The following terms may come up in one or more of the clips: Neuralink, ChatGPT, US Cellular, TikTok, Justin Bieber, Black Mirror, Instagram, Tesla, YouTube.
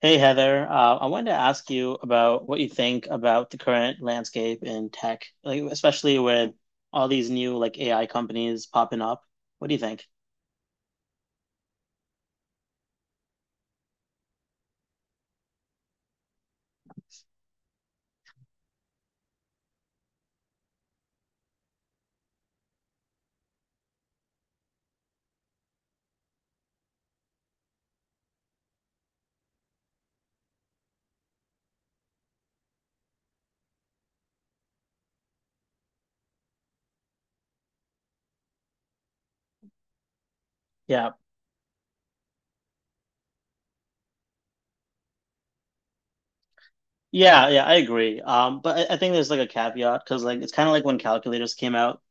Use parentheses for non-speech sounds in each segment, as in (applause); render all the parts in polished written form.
Hey Heather, I wanted to ask you about what you think about the current landscape in tech, like especially with all these new like AI companies popping up. What do you think? Yeah, yeah, yeah, I agree. But I think there's like a caveat because like it's kind of like when calculators came out,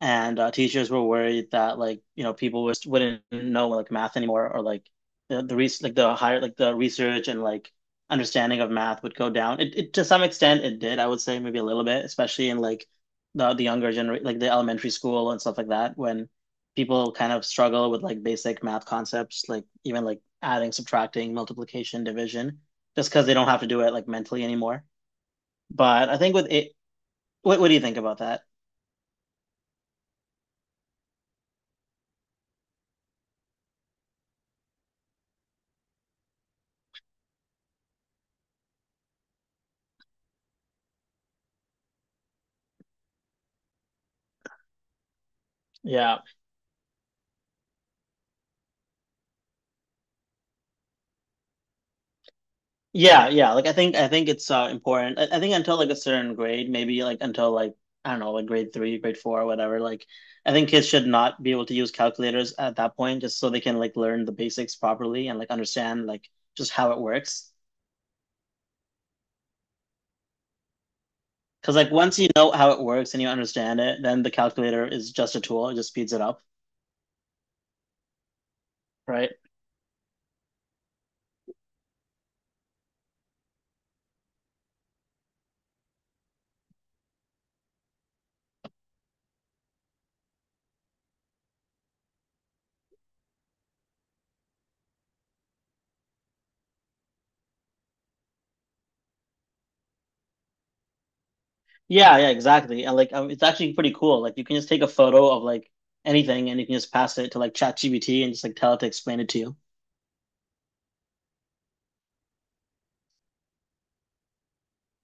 and teachers were worried that like you know people was, wouldn't know like math anymore or like the res like the higher like the research and like understanding of math would go down. It to some extent it did, I would say maybe a little bit, especially in like the younger generation, like the elementary school and stuff like that, when people kind of struggle with like basic math concepts, like even like adding, subtracting, multiplication, division, just because they don't have to do it like mentally anymore. But I think with it, what do you think about that? Yeah. Yeah, yeah. Like I think it's important. I think until like a certain grade, maybe like until like I don't know, like grade three, grade four, or whatever. Like I think kids should not be able to use calculators at that point, just so they can like learn the basics properly and like understand like just how it works. Because like once you know how it works and you understand it, then the calculator is just a tool. It just speeds it up, right? Yeah, yeah, exactly. And like it's actually pretty cool. Like you can just take a photo of like anything and you can just pass it to like ChatGPT and just like tell it to explain it to you.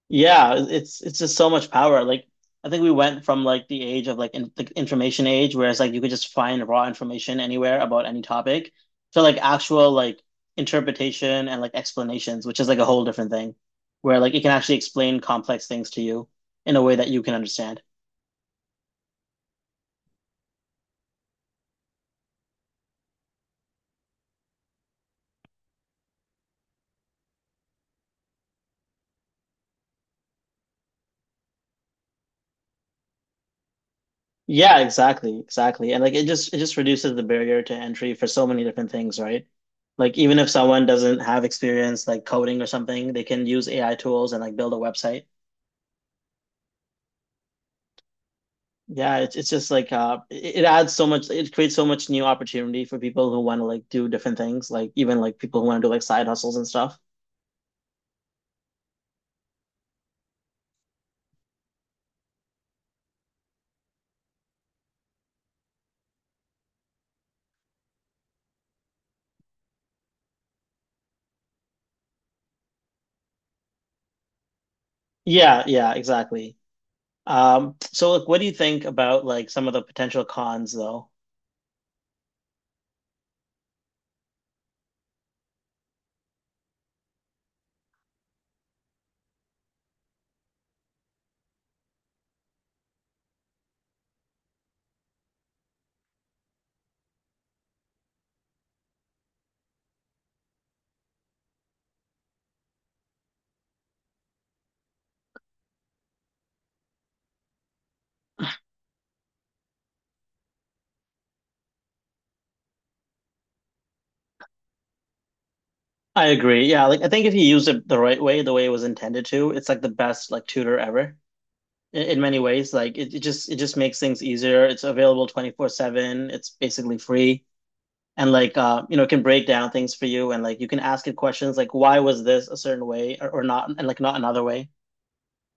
Yeah, it's just so much power. Like I think we went from like the age of like the information age, where it's like you could just find raw information anywhere about any topic, to like actual like interpretation and like explanations, which is like a whole different thing, where like it can actually explain complex things to you in a way that you can understand. Yeah, exactly, exactly. And like it just reduces the barrier to entry for so many different things, right? Like even if someone doesn't have experience like coding or something, they can use AI tools and like build a website. Yeah, it's just like it adds so much it creates so much new opportunity for people who want to like do different things, like even like people who want to do like side hustles and stuff. Yeah, yeah, exactly. So like what do you think about like some of the potential cons though? I agree. Yeah, like I think if you use it the right way, the way it was intended to, it's like the best like tutor ever in many ways. Like it just makes things easier. It's available 24/7. It's basically free. And like you know, it can break down things for you, and like you can ask it questions like why was this a certain way or not, and like not another way.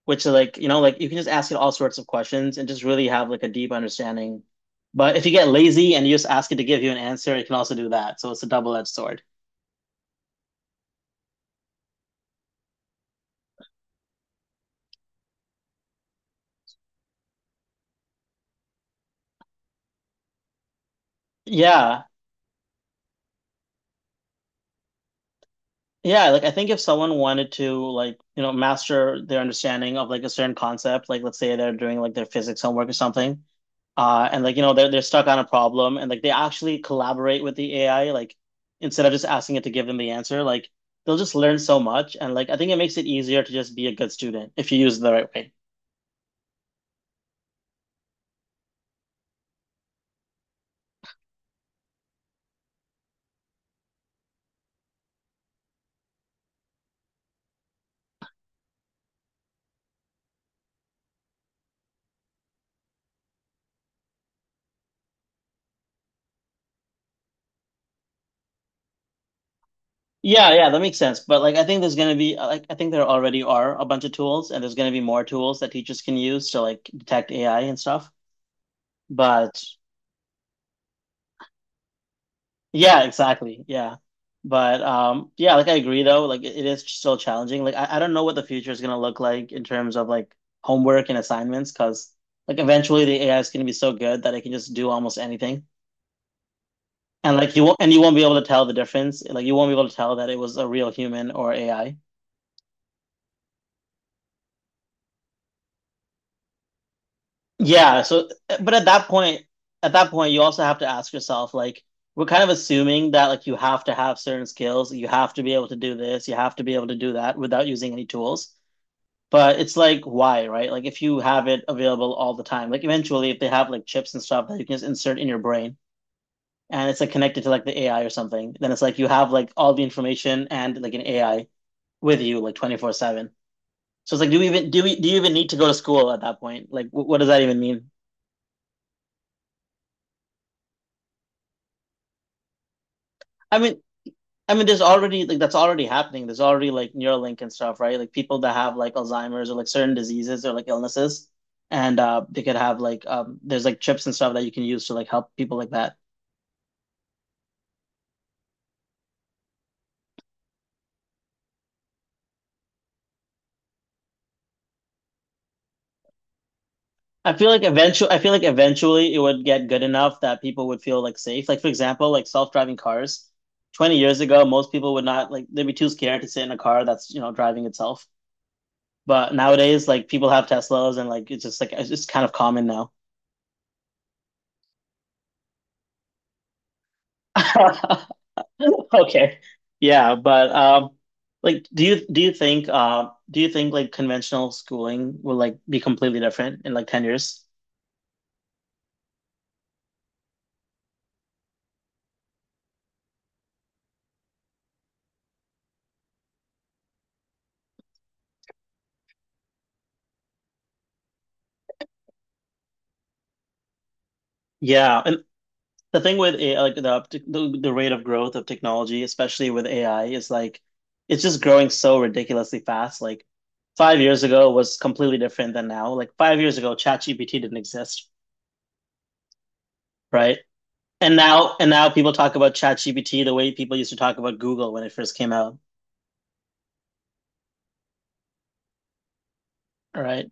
Which like you know, like you can just ask it all sorts of questions and just really have like a deep understanding. But if you get lazy and you just ask it to give you an answer, it can also do that. So it's a double-edged sword. Yeah. Yeah, like I think if someone wanted to like, you know, master their understanding of like a certain concept, like let's say they're doing like their physics homework or something. And like you know they're stuck on a problem and like they actually collaborate with the AI like instead of just asking it to give them the answer like they'll just learn so much, and like I think it makes it easier to just be a good student if you use it the right way. Yeah, yeah, that makes sense. But like I think there's gonna be like I think there already are a bunch of tools and there's gonna be more tools that teachers can use to like detect AI and stuff. But Yeah, exactly. Yeah. But yeah, like I agree though, like it is still challenging. Like I don't know what the future is gonna look like in terms of like homework and assignments because like eventually the AI is gonna be so good that it can just do almost anything. And like you won't, and you won't be able to tell the difference. Like you won't be able to tell that it was a real human or AI. Yeah, so but at that point you also have to ask yourself like we're kind of assuming that like you have to have certain skills, you have to be able to do this, you have to be able to do that without using any tools. But it's like, why, right? Like, if you have it available all the time, like, eventually, if they have like chips and stuff that you can just insert in your brain and it's like connected to like the AI or something, then it's like you have like all the information and like an AI with you like 24/7. So it's like, do we even do we do you even need to go to school at that point? Like, wh- what does that even mean? I mean, I mean, there's already like that's already happening. There's already like Neuralink and stuff, right? Like people that have like Alzheimer's or like certain diseases or like illnesses, and they could have like there's like chips and stuff that you can use to like help people like that. I feel like eventually it would get good enough that people would feel like safe. Like for example, like self-driving cars. 20 years ago, most people would not like they'd be too scared to sit in a car that's, you know, driving itself. But nowadays, like people have Teslas and like it's just kind of common now. (laughs) Okay. Yeah, but like do you think like conventional schooling will like be completely different in like 10 years? Yeah, and the thing with AI, like the rate of growth of technology, especially with AI, is like it's just growing so ridiculously fast. Like 5 years ago was completely different than now. Like 5 years ago, ChatGPT didn't exist, right? And now people talk about ChatGPT the way people used to talk about Google when it first came out, right?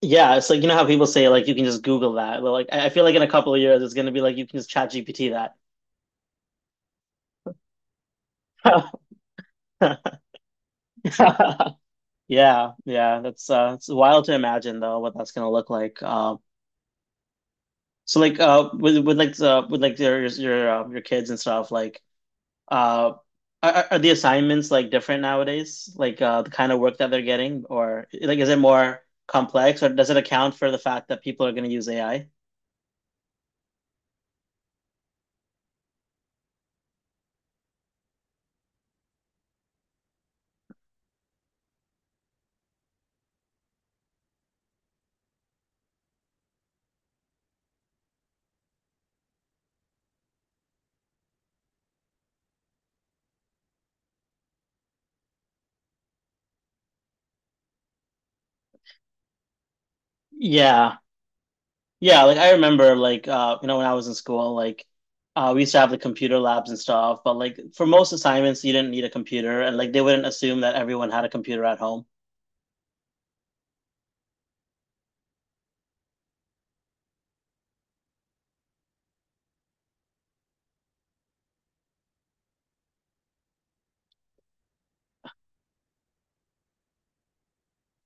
Yeah, it's like you know how people say like you can just Google that. Well, like I feel like in a couple of years it's gonna be like you can just ChatGPT that. (laughs) Yeah, yeah, that's it's wild to imagine though what that's gonna look like. So like with like your kids and stuff like uh, are the assignments like different nowadays? Like the kind of work that they're getting, or like is it more complex, or does it account for the fact that people are gonna use AI? Yeah, yeah. Like I remember, like you know, when I was in school, like we used to have the computer labs and stuff, but like for most assignments, you didn't need a computer, and like they wouldn't assume that everyone had a computer at home.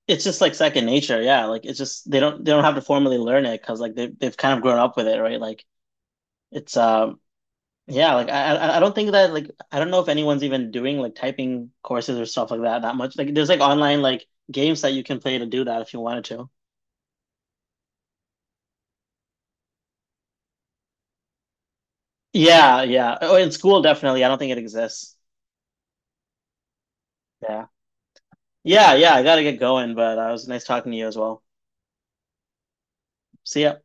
It's just like second nature. Yeah, like it's just they don't have to formally learn it because like they they've kind of grown up with it, right? Like it's yeah, like I don't think that like I don't know if anyone's even doing like typing courses or stuff like that that much. Like there's like online like games that you can play to do that if you wanted to. Yeah, yeah. Oh, in school definitely. I don't think it exists. Yeah. Yeah, yeah. I gotta get going, but it was nice talking to you as well. See ya.